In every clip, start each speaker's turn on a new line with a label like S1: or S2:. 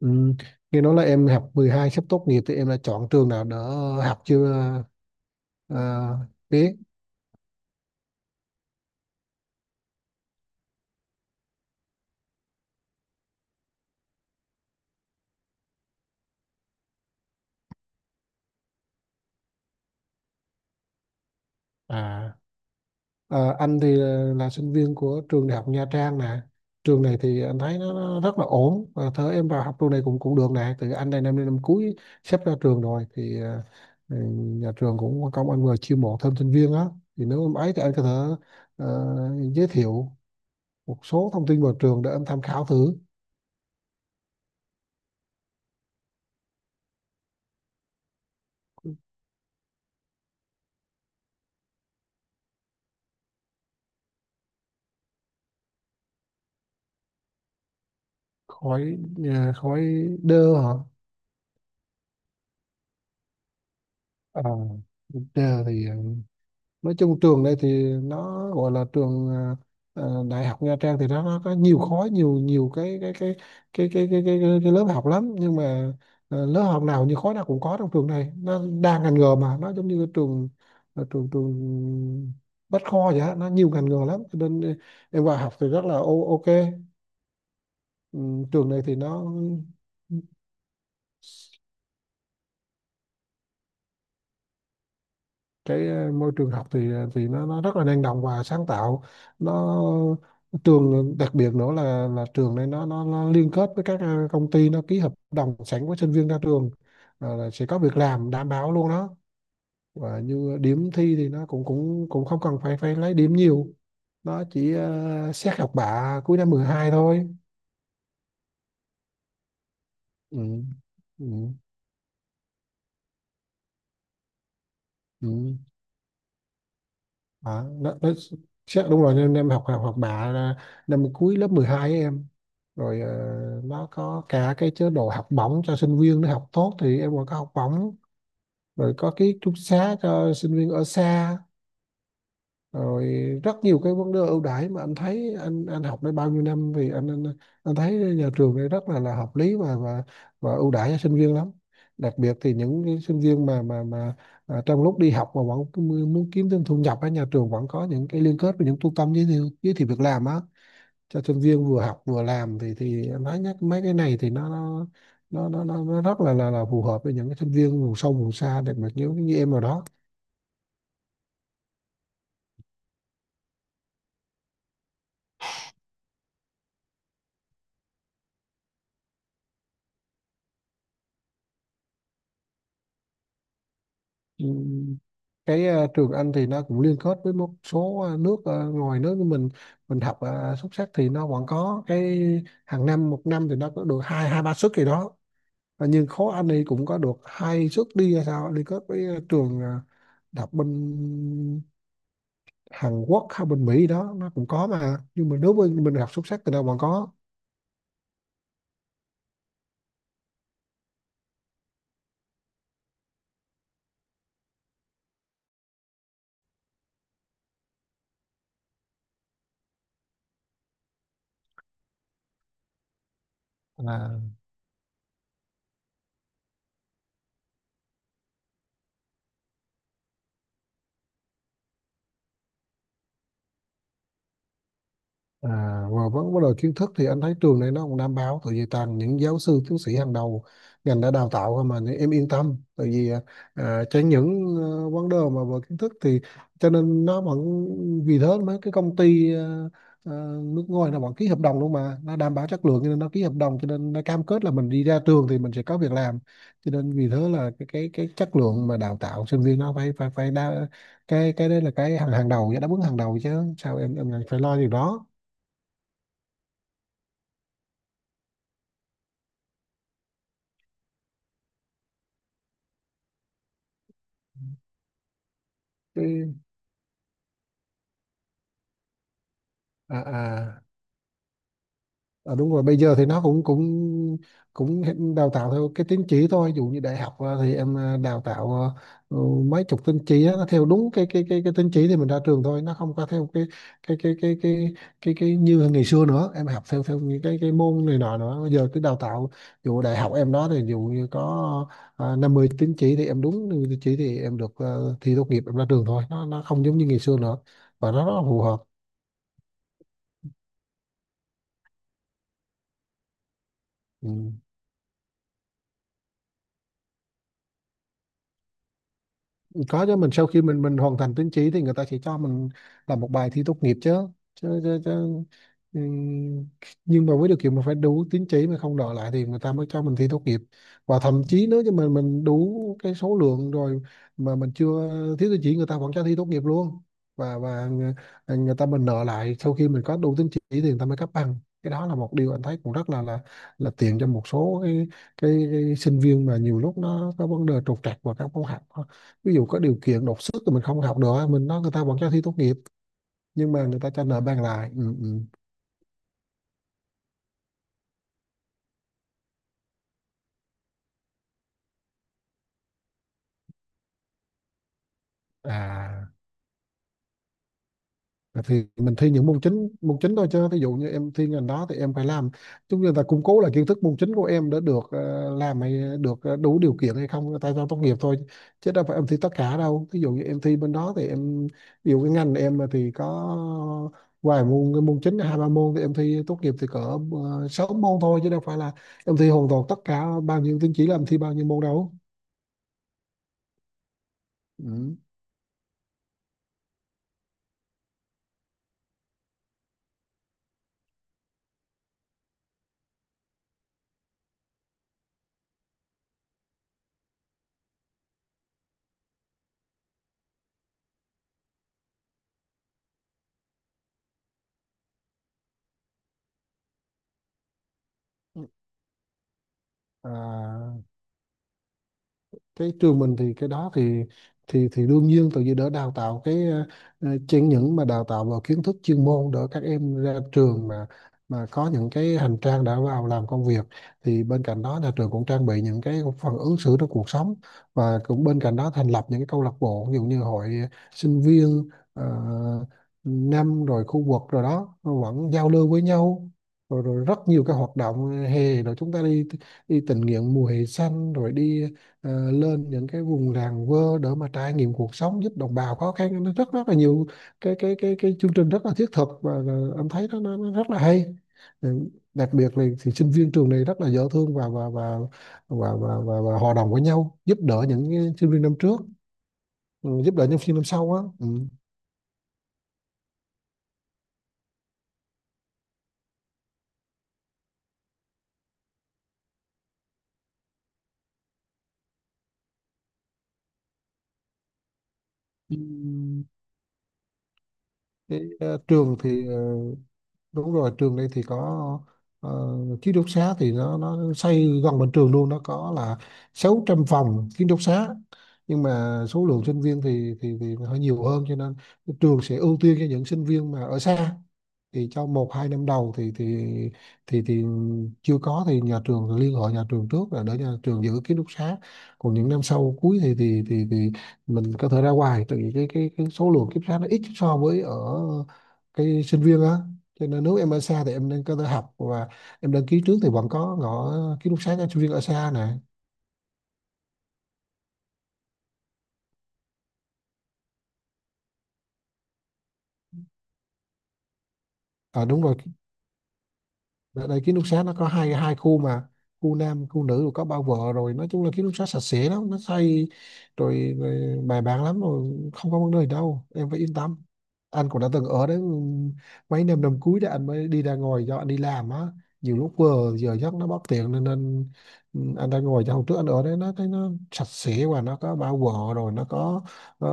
S1: Ừ. Nghe nói là em học 12 sắp tốt nghiệp thì em đã chọn trường nào đỡ học chưa? ờ, biết. À, anh thì là sinh viên của trường đại học Nha Trang nè. Trường này thì anh thấy nó rất là ổn và thớ em vào học trường này cũng cũng được nè. Từ anh đây năm năm cuối sắp ra trường rồi thì nhà trường cũng có công anh vừa chiêu mộ thêm sinh viên á, thì nếu em ấy thì anh có thể ờ, giới thiệu một số thông tin vào trường để em tham khảo thử. Khỏi khỏi đơ hả? À, Tra thì nói chung trường đây thì nó gọi là trường đại học Nha Trang thì nó có nhiều khối, nhiều nhiều cái lớp học lắm, nhưng mà lớp học nào, như khối nào cũng có. Trong trường này nó đa ngành nghề, mà nó giống như cái trường ờ, trường trường Bách Khoa vậy á, nó nhiều ngành nghề lắm cho nên em vào học thì rất là ok. Ừ, trường này thì nó, cái môi trường học thì thì nó rất là năng động và sáng tạo. Nó trường đặc biệt nữa là trường này nó liên kết với các công ty, nó ký hợp đồng sẵn với sinh viên ra trường. Ờ, là sẽ có việc làm đảm bảo luôn đó, và như điểm thi thì nó cũng cũng cũng không cần phải phải lấy điểm nhiều, nó chỉ xét học bạ cuối năm 12 thôi. Ừ. Ừ. Ừ. Đó, chắc đúng rồi. Nên em học học học bạ là năm cuối lớp 12 ấy em. Rồi nó có cả cái chế độ học bổng cho sinh viên, nó học tốt thì em còn có học bổng, rồi có ký túc xá cho sinh viên ở xa, rồi rất nhiều cái vấn đề ưu đãi, mà anh thấy anh học đây bao nhiêu năm, vì anh thấy nhà trường đây rất là hợp lý và và ưu đãi cho sinh viên lắm. Đặc biệt thì những cái sinh viên mà mà à, trong lúc đi học mà vẫn cứ muốn kiếm thêm thu nhập, ở nhà trường vẫn có những cái liên kết với những trung tâm giới thiệu việc làm á, cho sinh viên vừa học vừa làm. Thì anh nói nhắc mấy cái này thì nó nó rất là là phù hợp với những cái sinh viên vùng sâu vùng xa, đặc biệt như như em rồi đó. Ừ, cái trường Anh thì nó cũng liên kết với một số nước ngoài nước của mình. Mình học xuất sắc thì nó vẫn có cái hàng năm, một năm thì nó có được hai hai ba suất gì đó. Và nhưng khối Anh thì cũng có được hai suất đi hay sao, liên kết với trường đọc bên Hàn Quốc hay bên Mỹ đó, nó cũng có. Mà nhưng mà nếu bên mình học xuất sắc thì nó vẫn có. À, và vấn vấn đề kiến thức thì anh thấy trường này nó cũng đảm bảo, tại vì toàn những giáo sư tiến sĩ hàng đầu ngành đã đào tạo thôi mà, nên em yên tâm. Tại vì à, tránh những vấn đề mà về kiến thức thì cho nên nó vẫn, vì thế mấy cái công ty ờ, nước ngoài nó vẫn ký hợp đồng luôn mà, nó đảm bảo chất lượng cho nên nó ký hợp đồng, cho nên nó cam kết là mình đi ra trường thì mình sẽ có việc làm. Cho nên vì thế là cái cái chất lượng mà đào tạo sinh viên nó phải phải phải đa, cái đấy là cái hàng hàng đầu, đáp ứng hàng đầu chứ sao em lại phải lo điều đó. Cái à à À, đúng rồi, bây giờ thì nó cũng cũng cũng hiện đào tạo theo cái tín chỉ thôi. Ví dụ như đại học à, thì em à, đào tạo à, ừ, mấy chục tín chỉ á, nó theo đúng cái cái tín chỉ thì mình ra trường thôi, nó không có theo cái cái cái cái cái cái như ngày xưa nữa. Em học theo theo những cái môn này nọ nữa, bây giờ cứ đào tạo, ví dụ đại học em đó thì ví dụ như có 50 tín chỉ thì em đúng 50 tín chỉ thì em được thi tốt nghiệp, em ra trường thôi. Nó không giống như ngày xưa nữa và nó rất là phù hợp. Ừ. Có chứ, mình sau khi mình hoàn thành tín chỉ thì người ta sẽ cho mình làm một bài thi tốt nghiệp chứ. Chứ, chứ, chứ. Ừm, nhưng mà với điều kiện mình phải đủ tín chỉ mà không đòi lại, thì người ta mới cho mình thi tốt nghiệp. Và thậm chí nếu như mình đủ cái số lượng rồi, mà mình chưa, thiếu tín chỉ, người ta vẫn cho thi tốt nghiệp luôn. và và người, Người ta mình nợ lại, sau khi mình có đủ tín chỉ thì người ta mới cấp bằng. Cái đó là một điều anh thấy cũng rất là là tiện cho một số cái sinh viên mà nhiều lúc nó có vấn đề trục trặc và các môn học, ví dụ có điều kiện đột xuất thì mình không học được, mình nói người ta vẫn cho thi tốt nghiệp, nhưng mà người ta cho nợ bằng lại. Ừ, ừ. à À, thì mình thi những môn chính, thôi chứ. Ví dụ như em thi ngành đó thì em phải làm chúng, người ta củng cố lại kiến thức môn chính của em để được làm hay được đủ điều kiện hay không tại sao tốt nghiệp thôi, chứ đâu phải em thi tất cả đâu. Ví dụ như em thi bên đó thì em, ví dụ cái ngành em mà thì có vài môn, cái môn chính hai ba môn, thì em thi tốt nghiệp thì cỡ sáu môn thôi, chứ đâu phải là em thi hoàn toàn tất cả, bao nhiêu tín chỉ là em thi bao nhiêu môn đâu. Ừ. Ừ. à, cái trường mình thì cái đó thì thì đương nhiên, tại vì đỡ đào tạo cái chẳng những mà đào tạo vào kiến thức chuyên môn, đỡ các em ra trường mà có những cái hành trang đã vào làm công việc. Thì bên cạnh đó nhà trường cũng trang bị những cái phần ứng xử trong cuộc sống, và cũng bên cạnh đó thành lập những cái câu lạc bộ, ví dụ như hội sinh viên năm rồi khu vực rồi đó vẫn giao lưu với nhau. Rồi, rồi rất nhiều cái hoạt động hè, rồi chúng ta đi đi tình nguyện mùa hè xanh, rồi đi lên những cái vùng làng quê để mà trải nghiệm cuộc sống, giúp đồng bào khó khăn. Nó rất rất là nhiều cái cái chương trình rất là thiết thực, và là em thấy nó rất là hay. Ừ, đặc biệt là thì sinh viên trường này rất là dễ thương và và hòa đồng với nhau, giúp đỡ những cái sinh viên năm trước, ừ, giúp đỡ những sinh viên năm sau á. Ừ. Ừm, Trường thì đúng rồi, trường đây thì có ờ, ký túc xá thì nó xây gần bên trường luôn. Nó có là 600 phòng ký túc xá, nhưng mà số lượng sinh viên thì hơi nhiều hơn, cho nên trường sẽ ưu tiên cho những sinh viên mà ở xa. Thì trong một hai năm đầu thì thì chưa có thì nhà trường liên hệ, nhà trường trước là để nhà trường giữ ký túc xá. Còn những năm sau cuối thì thì mình có thể ra ngoài, tại vì cái số lượng ký túc xá nó ít so với ở cái sinh viên á. Cho nên nếu em ở xa thì em nên có thể học và em đăng ký trước thì vẫn có ngõ ký túc xá cho sinh viên ở xa nè. À, đúng rồi. Đợt này ký túc xá nó có hai hai khu mà, khu nam khu nữ, rồi có bao vợ. Rồi nói chung là ký túc xá sạch sẽ lắm, nó xây rồi, rồi bài bản lắm rồi, không có vấn đề đâu, em phải yên tâm. Anh cũng đã từng ở đấy mấy năm, năm cuối đó anh mới đi ra ngoài do anh đi làm á, nhiều lúc vừa giờ giấc nó bất tiện nên anh ra ngoài. Cho hôm trước anh ở đấy nó thấy nó sạch sẽ, và nó có bao vợ rồi nó có ờ,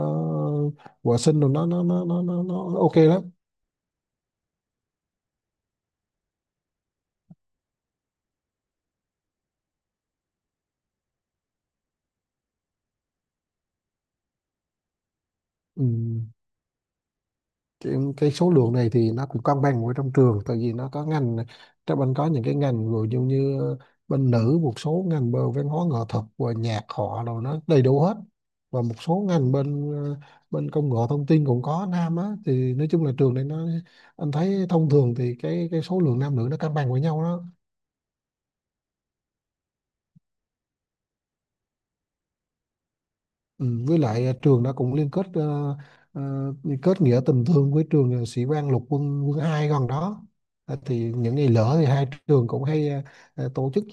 S1: vệ sinh rồi nó nó ok lắm. Ừ. Cái số lượng này thì nó cũng cân bằng ở trong trường, tại vì nó có ngành trong bên có những cái ngành, ví dụ như bên nữ một số ngành bên văn hóa nghệ thuật và nhạc họ, rồi nó đầy đủ hết, và một số ngành bên bên công nghệ thông tin cũng có nam á. Thì nói chung là trường này nó, anh thấy thông thường thì cái số lượng nam nữ nó cân bằng với nhau đó. Ừ, với lại à, trường đã cũng liên kết ờ, liên kết nghĩa tình thương với trường à, sĩ quan lục quân quân 2 gần đó. Ờ, thì những ngày lỡ thì hai trường cũng hay tổ chức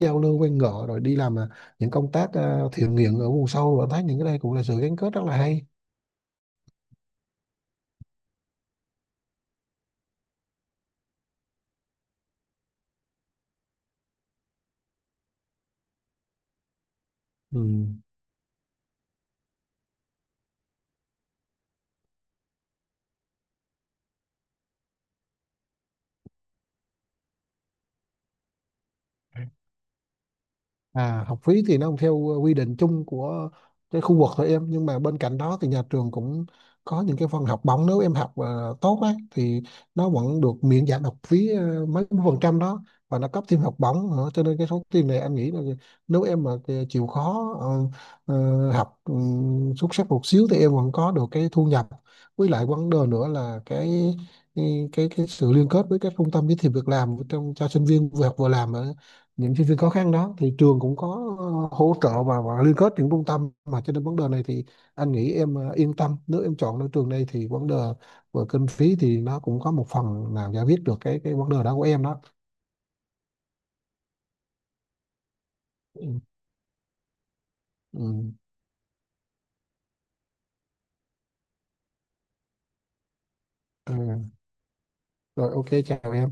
S1: giao lưu quen ngọ, rồi đi làm à, những công tác à, thiện nguyện ở vùng sâu, và thấy những cái đây cũng là sự gắn kết rất là hay. Ừ. À, học phí thì nó không theo quy định chung của cái khu vực thôi em, nhưng mà bên cạnh đó thì nhà trường cũng có những cái phần học bổng. Nếu em học tốt á thì nó vẫn được miễn giảm học phí mấy phần trăm đó, và nó cấp thêm học bổng nữa. Cho nên cái số tiền này anh nghĩ là nếu em mà chịu khó học xuất sắc một xíu thì em vẫn có được cái thu nhập. Với lại vấn đề nữa là cái sự liên kết với các trung tâm giới thiệu việc làm trong, cho sinh viên vừa học vừa làm, những sinh viên khó khăn đó, thì trường cũng có hỗ trợ và liên kết những trung tâm mà. Cho nên vấn đề này thì anh nghĩ em yên tâm, nếu em chọn được trường này thì vấn đề về kinh phí thì nó cũng có một phần nào giải quyết được cái vấn đề đó của em đó. Ừ. Ừ. Ừ. Rồi, ok, chào em.